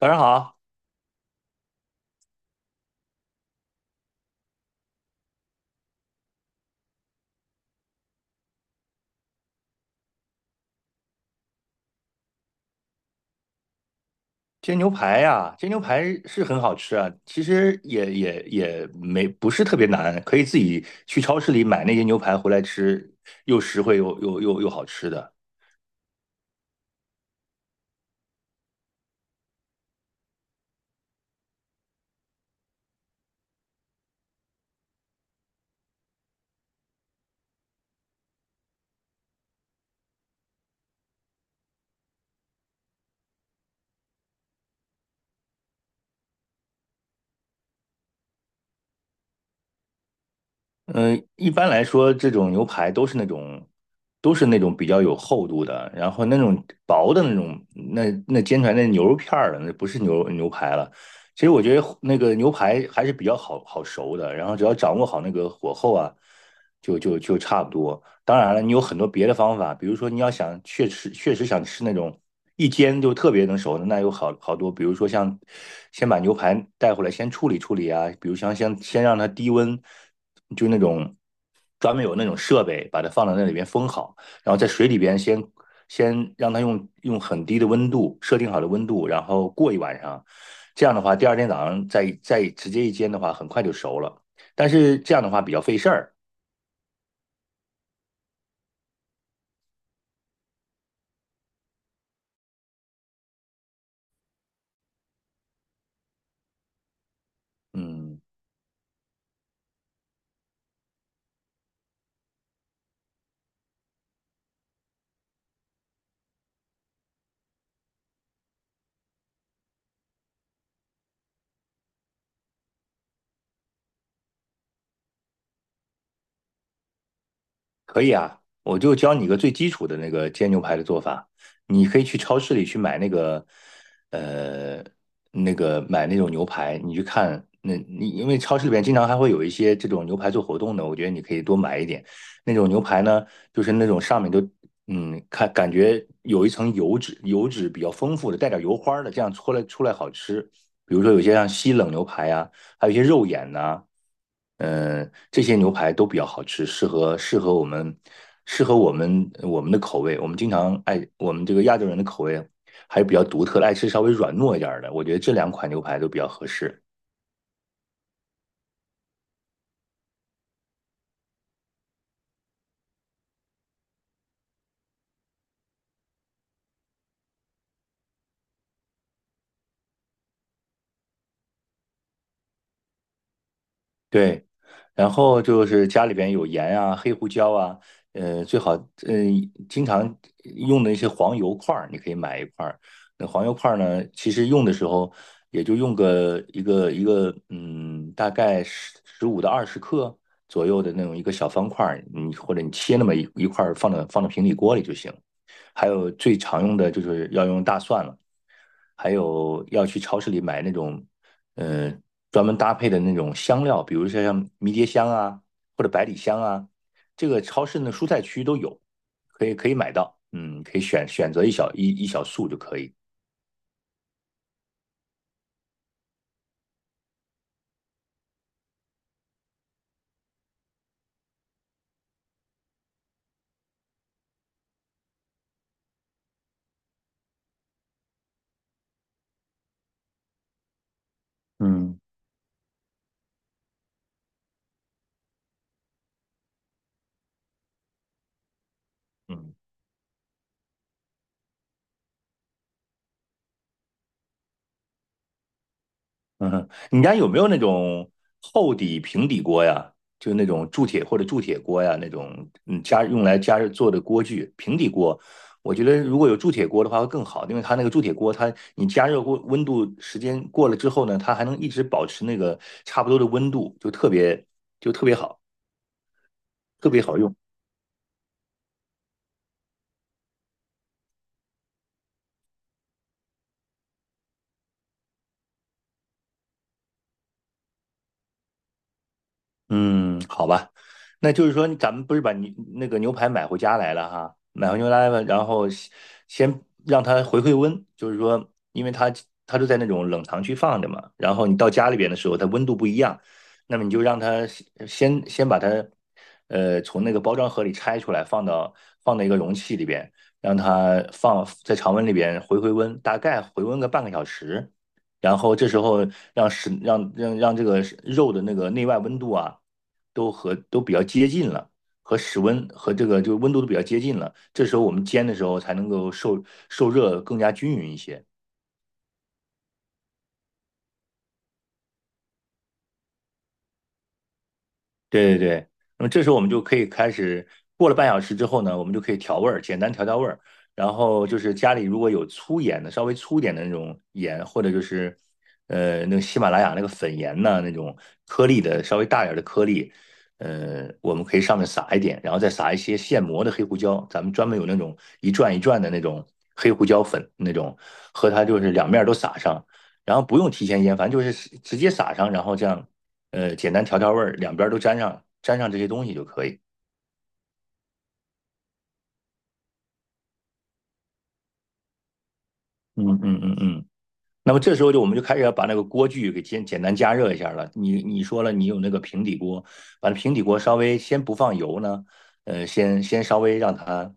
早上好，煎牛排呀、煎牛排是很好吃啊，其实也也也没不是特别难，可以自己去超市里买那些牛排回来吃，又实惠又好吃的。嗯、一般来说，这种牛排都是那种比较有厚度的，然后那种薄的那种，那煎出来那牛肉片儿了，那不是牛排了。其实我觉得那个牛排还是比较好熟的，然后只要掌握好那个火候啊，就差不多。当然了，你有很多别的方法，比如说你要想确实想吃那种一煎就特别能熟的，那有好多，比如说像先把牛排带回来先处理处理啊，比如像先让它低温，就那种专门有那种设备把它放到那里边封好，然后在水里边先让它用很低的温度设定好的温度，然后过一晚上，这样的话第二天早上再直接一煎的话，很快就熟了，但是这样的话比较费事儿，嗯。可以啊，我就教你一个最基础的那个煎牛排的做法。你可以去超市里去买那个，呃，那个买那种牛排，你去你因为超市里边经常还会有一些这种牛排做活动的，我觉得你可以多买一点。那种牛排呢，就是那种上面都看感觉有一层油脂，油脂比较丰富的，带点油花的，这样搓来出来好吃。比如说有些像西冷牛排啊，还有一些肉眼呐、这些牛排都比较好吃，适合我们的口味。我们经常爱我们这个亚洲人的口味还是比较独特的，爱吃稍微软糯一点儿的。我觉得这两款牛排都比较合适。对，然后就是家里边有盐啊、黑胡椒啊，最好经常用的一些黄油块儿，你可以买一块儿。那黄油块儿呢，其实用的时候也就用个一个，大概十五到二十克左右的那种一个小方块儿，你或者你切那么一块儿放到平底锅里就行。还有最常用的就是要用大蒜了，还有要去超市里买那种，呃，专门搭配的那种香料，比如说像迷迭香啊，或者百里香啊，这个超市的蔬菜区都有，可以买到，可以选择一小束就可以，嗯，嗯。嗯哼，你家有没有那种厚底、平底锅呀？就那种铸铁或者铸铁锅呀，那种用来加热做的锅具。平底锅，我觉得如果有铸铁锅的话会更好，因为它那个铸铁锅，它你加热过温度时间过了之后呢，它还能一直保持那个差不多的温度，就特别好，特别好用。嗯，好吧，那就是说，咱们不是把那个牛排买回家来了哈，买回牛排了，然后先先让它回温，就是说，因为它它都在那种冷藏区放着嘛，然后你到家里边的时候，它温度不一样，那么你就让它先先把它呃从那个包装盒里拆出来，放到一个容器里边，让它放在常温里边回温，大概回温个半个小时，然后这时候让食让让让这个肉的那个内外温度啊，都比较接近了，和室温和这个温度都比较接近了。这时候我们煎的时候才能够受热更加均匀一些。对对对，那么这时候我们就可以开始，过了半小时之后呢，我们就可以调味儿，简单调味儿。然后就是家里如果有粗盐的，稍微粗一点的那种盐，或者就是那个喜马拉雅那个粉盐呐，那种颗粒的稍微大点儿的颗粒，我们可以上面撒一点，然后再撒一些现磨的黑胡椒，咱们专门有那种一转一转的那种黑胡椒粉那种，和它就是两面儿都撒上。然后不用提前腌，反正就是直接撒上，然后这样简单调味儿，两边都沾上这些东西就可以。嗯嗯嗯嗯。那么这时候就我们就开始要把那个锅具给简单加热一下了。你说了，你有那个平底锅，把那平底锅稍微先不放油呢，先稍微让它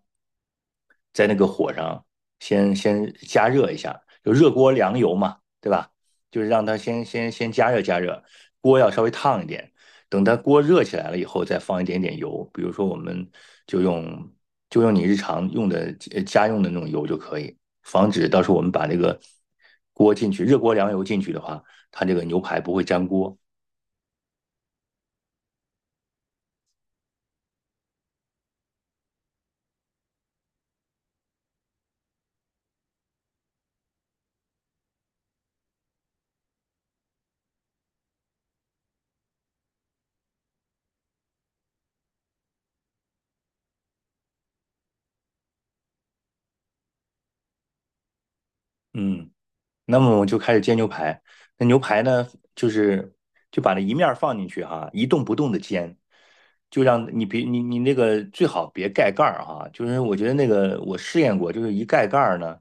在那个火上先加热一下，就热锅凉油嘛，对吧？就是让它先加热加热，锅要稍微烫一点。等它锅热起来了以后，再放一点点油，比如说我们就用就用你日常用的家用的那种油就可以，防止到时候我们把这个锅进去热锅凉油进去的话，它这个牛排不会粘锅。嗯，那么我就开始煎牛排。那牛排呢，就是就把那一面儿放进去哈、一动不动的煎，就让你别你你那个最好别盖盖儿哈、就是我觉得那个我试验过，就是一盖盖儿呢，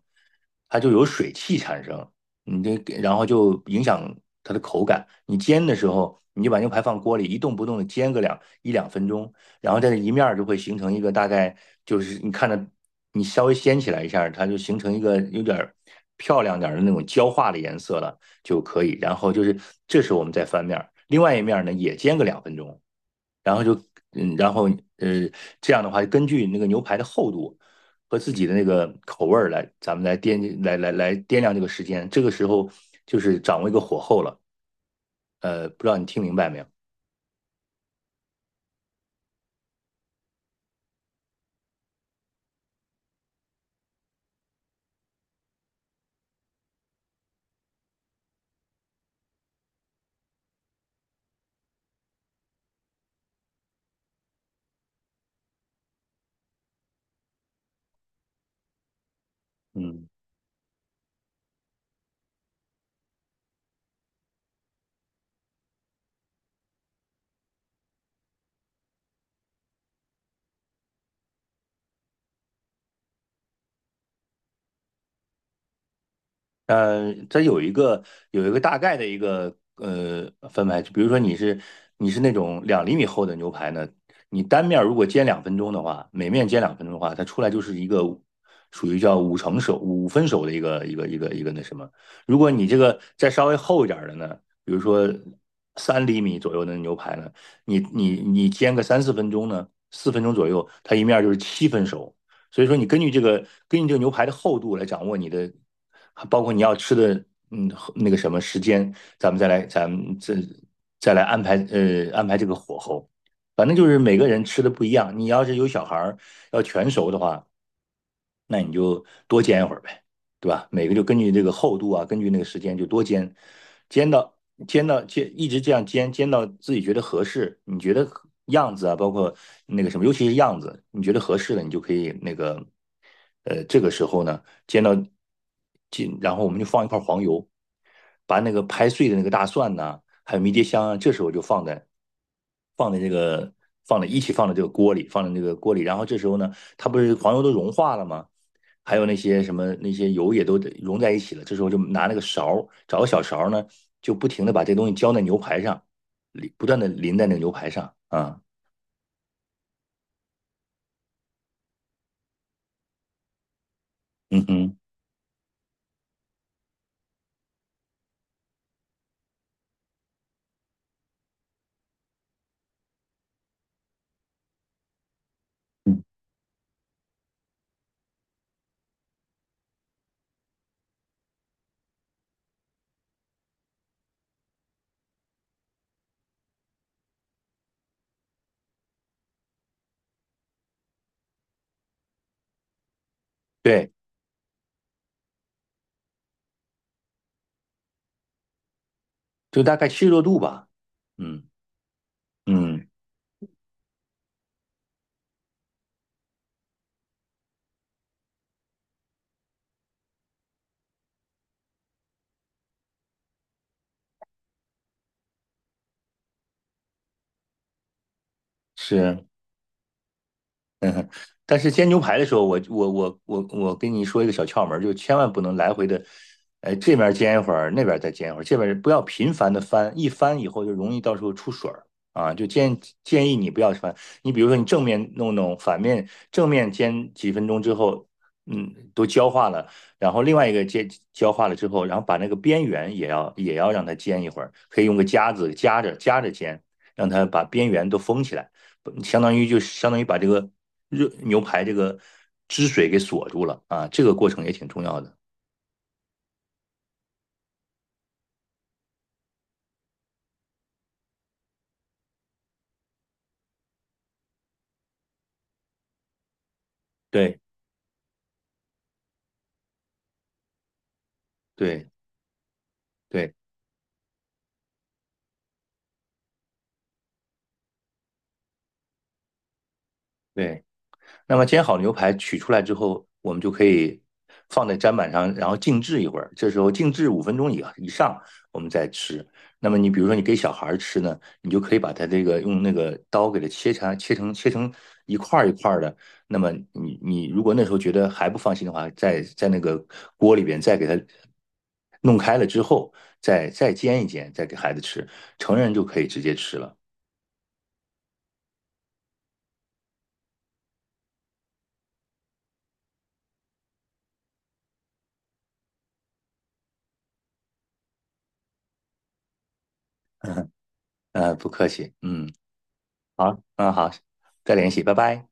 它就有水汽产生，你这然后就影响它的口感。你煎的时候，你就把牛排放锅里一动不动的煎个两分钟，然后在这一面儿就会形成一个大概就是你看着你稍微掀起来一下它就形成一个有点儿漂亮点的那种焦化的颜色了就可以。然后就是这时候我们再翻面儿，另外一面儿呢也煎个两分钟，然后嗯，然后呃这样的话，根据那个牛排的厚度。和自己的那个口味儿来，咱们来掂来来来掂量这个时间。这个时候就是掌握一个火候了。不知道你听明白没有？嗯它有一个大概的一个分排，就比如说你是那种2厘米厚的牛排呢，你单面如果煎两分钟的话，每面煎两分钟的话，它出来就是一个属于叫5成熟、5分熟的一个那什么。如果你这个再稍微厚一点儿的呢，比如说3厘米左右的牛排呢，你煎个3、4分钟呢，四分钟左右，它一面就是7分熟。所以说，你根据这个牛排的厚度来掌握你的包括你要吃的，嗯，那个什么时间，咱们再来安排，安排这个火候。反正就是每个人吃的不一样。你要是有小孩儿要全熟的话，那你就多煎一会儿呗，对吧？每个就根据这个厚度啊，根据那个时间就多煎，煎到煎到，一直这样煎，煎到自己觉得合适，你觉得样子啊，包括那个什么，尤其是样子，你觉得合适了，你就可以那个，这个时候呢，煎到煎，然后我们就放一块黄油，把那个拍碎的那个大蒜呐，还有迷迭香啊，这时候就放在这个放在一起放在这个锅里，然后这时候呢，它不是黄油都融化了吗？还有那些什么那些油也都融在一起了。这时候就拿那个勺找个小勺呢，就不停的把这东西浇在牛排上，不断的淋在那个牛排上啊，嗯哼，对，就大概70多度吧，嗯嗯是。但是煎牛排的时候，我跟你说一个小窍门儿，就千万不能来回的，哎，这边煎一会儿，那边再煎一会儿，这边不要频繁的翻，一翻以后就容易到时候出水儿啊。就建议你不要翻，你比如说你正面弄弄，正面煎几分钟之后，都焦化了，然后另外一个煎焦化了之后，然后把那个边缘也要让它煎一会儿，可以用个夹子夹着夹着煎，让它把边缘都封起来。相当于把这个热牛排这个汁水给锁住了啊，这个过程也挺重要的。对对对对。那么煎好牛排取出来之后，我们就可以放在砧板上，然后静置一会儿。这时候静置5分钟以上，我们再吃。那么你比如说你给小孩吃呢，你就可以把它这个用那个刀给它切成一块儿一块儿的。那么你如果那时候觉得还不放心的话，在那个锅里边再给它弄开了之后，再煎一煎，再给孩子吃。成人就可以直接吃了。不客气，嗯，好，嗯好，再联系，拜拜。